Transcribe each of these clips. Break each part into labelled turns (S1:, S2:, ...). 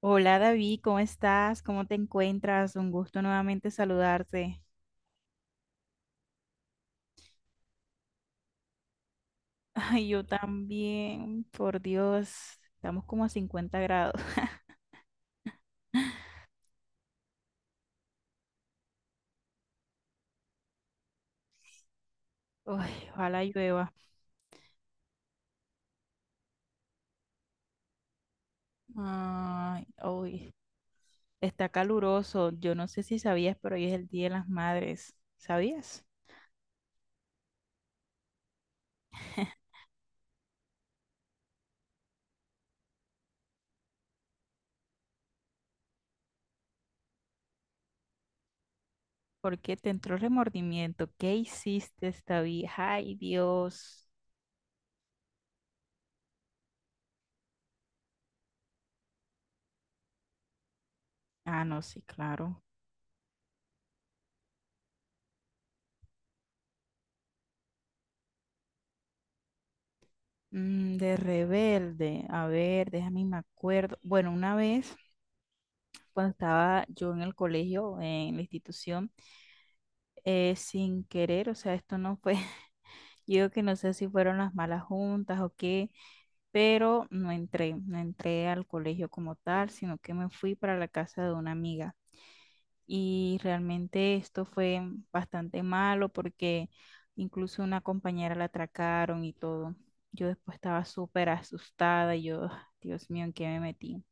S1: Hola David, ¿cómo estás? ¿Cómo te encuentras? Un gusto nuevamente saludarte. Ay, yo también, por Dios, estamos como a 50 grados. Ay, ojalá llueva. Ay, uy, está caluroso. Yo no sé si sabías, pero hoy es el Día de las Madres. ¿Sabías? ¿Por qué te entró remordimiento? ¿Qué hiciste, David? Ay, Dios. Ah, no, sí, claro. Mm, de rebelde. A ver, déjame me acuerdo. Bueno, una vez, cuando estaba yo en el colegio, en la institución, sin querer, o sea, esto no fue, yo que no sé si fueron las malas juntas o qué, pero no entré al colegio como tal, sino que me fui para la casa de una amiga. Y realmente esto fue bastante malo porque incluso una compañera la atracaron y todo. Yo después estaba súper asustada y yo, "Ah, Dios mío, ¿en qué me metí?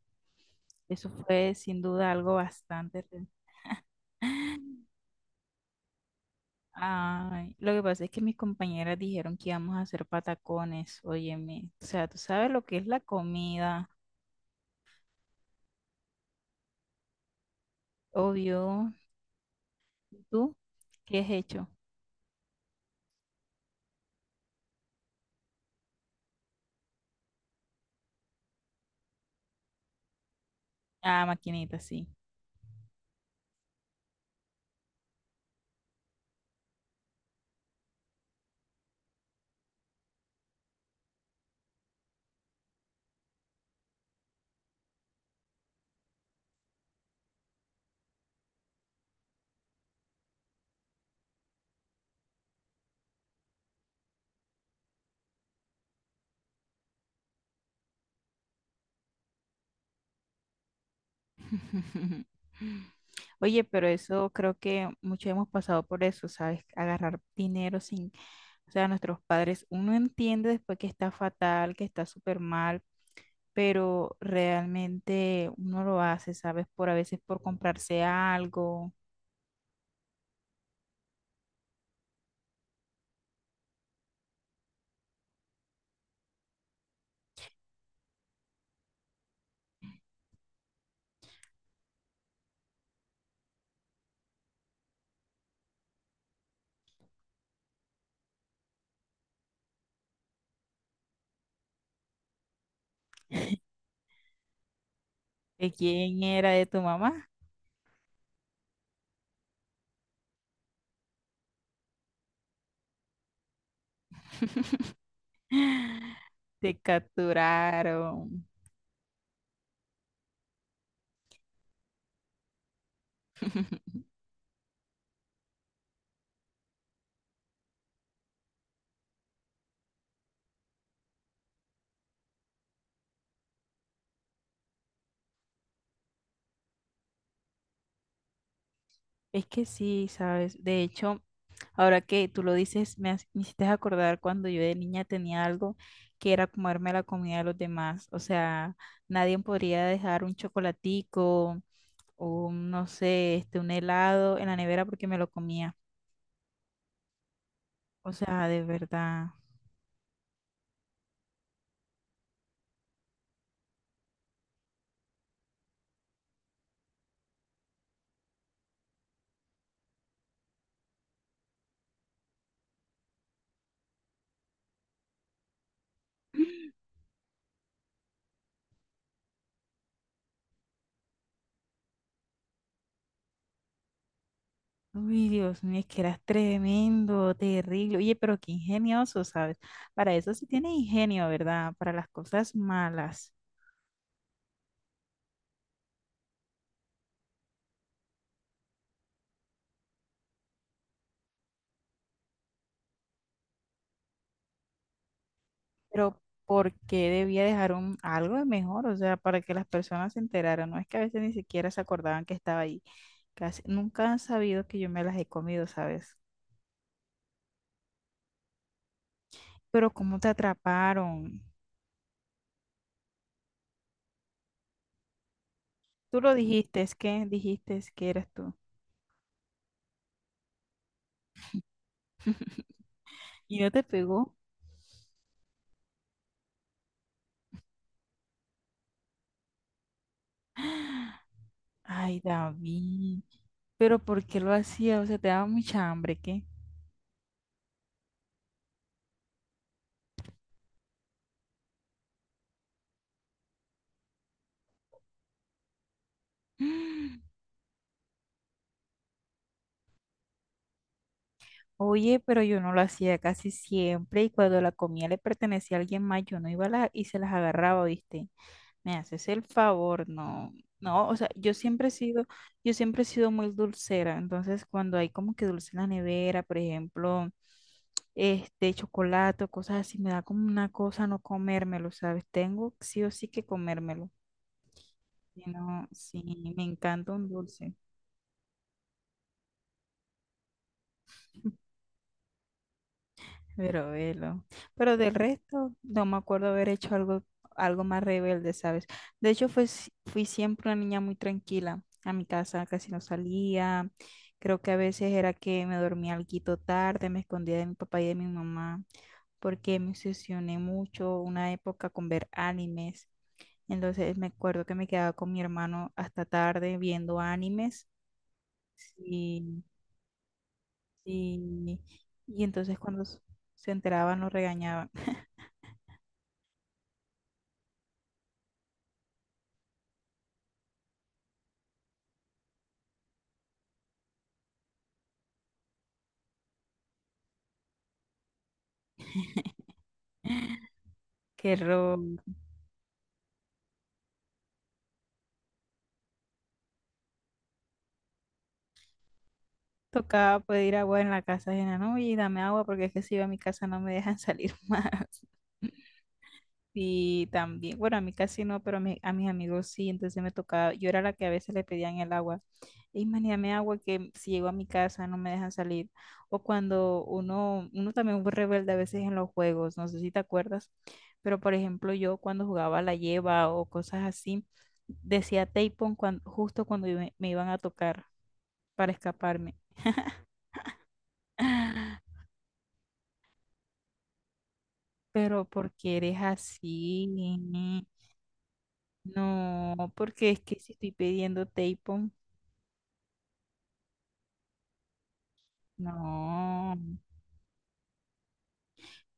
S1: Eso fue sin duda algo bastante... Ay, lo que pasa es que mis compañeras dijeron que íbamos a hacer patacones, óyeme. O sea, tú sabes lo que es la comida, obvio. ¿Tú qué has hecho? Ah, maquinita, sí. Oye, pero eso creo que muchos hemos pasado por eso, ¿sabes? Agarrar dinero sin, o sea, nuestros padres, uno entiende después que está fatal, que está súper mal, pero realmente uno lo hace, ¿sabes? Por a veces por comprarse algo. ¿De quién era? ¿De tu mamá? Te capturaron. Es que sí, ¿sabes? De hecho, ahora que tú lo dices, me hiciste acordar cuando yo de niña tenía algo que era comerme la comida de los demás. O sea, nadie podría dejar un chocolatico o un, no sé, un helado en la nevera porque me lo comía. O sea, de verdad. Uy, Dios mío, es que eras tremendo, terrible. Oye, pero qué ingenioso, ¿sabes? Para eso sí tiene ingenio, ¿verdad? Para las cosas malas. Pero ¿por qué debía dejar un, algo de mejor? O sea, para que las personas se enteraran. No es que a veces ni siquiera se acordaban que estaba ahí. Casi nunca han sabido que yo me las he comido, ¿sabes? Pero ¿cómo te atraparon? Tú lo dijiste es que eras tú. ¿Y no te pegó? Ay, David. Pero ¿por qué lo hacía? O sea, te daba mucha hambre, ¿qué? Oye, pero yo no lo hacía casi siempre y cuando la comida le pertenecía a alguien más, yo no iba a la, y se las agarraba, ¿viste? Me haces el favor, no, no, o sea, yo siempre he sido muy dulcera, entonces cuando hay como que dulce en la nevera, por ejemplo, chocolate o cosas así, me da como una cosa no comérmelo, ¿sabes? Tengo sí o sí que comérmelo, si no, sí, me encanta un dulce. Pero velo. Pero del resto, no me acuerdo haber hecho algo, algo más rebelde, ¿sabes? De hecho, fue, si- fui siempre una niña muy tranquila. A mi casa casi no salía. Creo que a veces era que me dormía alguito tarde, me escondía de mi papá y de mi mamá, porque me obsesioné mucho una época con ver animes. Entonces me acuerdo que me quedaba con mi hermano hasta tarde viendo animes. Sí, sí. Y entonces cuando se enteraban, nos regañaban. Qué error. Tocaba pedir agua en la casa ajena, ¿no? Oye, dame agua porque es que si yo a mi casa no me dejan salir más. Y también, bueno, a mí casi no, pero a mis amigos sí, entonces me tocaba, yo era la que a veces le pedían el agua. Y man, dame agua que si llego a mi casa no me dejan salir. O cuando uno también fue rebelde a veces en los juegos, no sé si te acuerdas, pero por ejemplo yo cuando jugaba a la lleva o cosas así, decía tapón cuando, justo cuando me iban a tocar para escaparme. ¿Pero porque eres así? No, porque es que si estoy pidiendo tapón, no.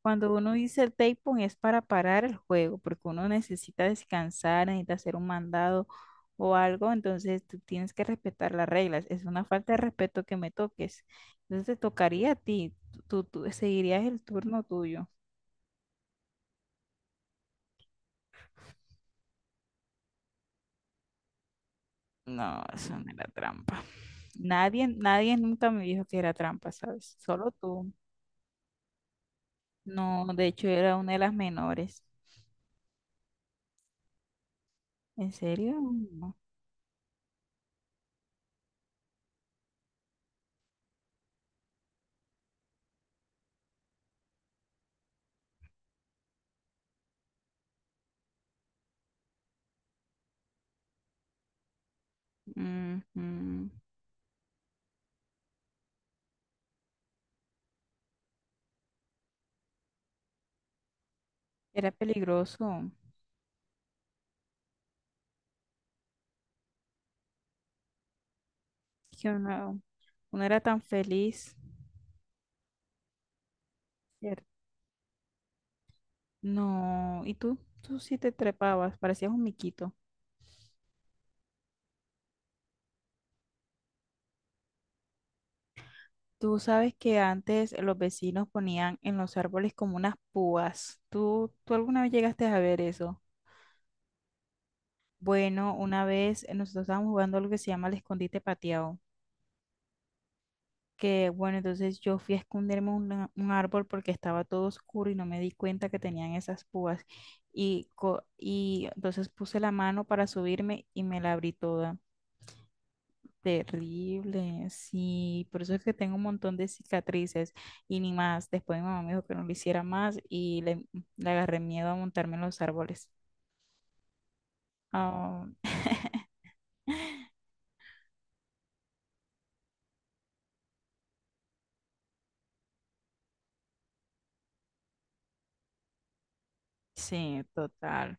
S1: Cuando uno dice el tapón es para parar el juego, porque uno necesita descansar, necesita hacer un mandado o algo, entonces tú tienes que respetar las reglas. Es una falta de respeto que me toques. Entonces te tocaría a ti, tú seguirías el turno tuyo. No, eso no era trampa. Nadie, nadie nunca me dijo que era trampa, ¿sabes? Solo tú. No, de hecho era una de las menores. ¿En serio? No. Ujú. Era peligroso. Que uno, uno era tan feliz. ¿Cierto? No, y tú sí te trepabas, parecías un miquito. Tú sabes que antes los vecinos ponían en los árboles como unas púas. Tú alguna vez llegaste a ver eso? Bueno, una vez nosotros estábamos jugando algo que se llama el escondite pateado, que bueno, entonces yo fui a esconderme en un árbol porque estaba todo oscuro y no me di cuenta que tenían esas púas. Y entonces puse la mano para subirme y me la abrí toda. Terrible, sí, por eso es que tengo un montón de cicatrices y ni más. Después mi mamá me dijo que no lo hiciera más le agarré miedo a montarme en los árboles. Ah, sí, total.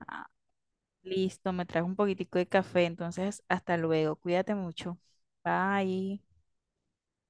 S1: Ah, listo, me trajo un poquitico de café, entonces hasta luego, cuídate mucho. Bye.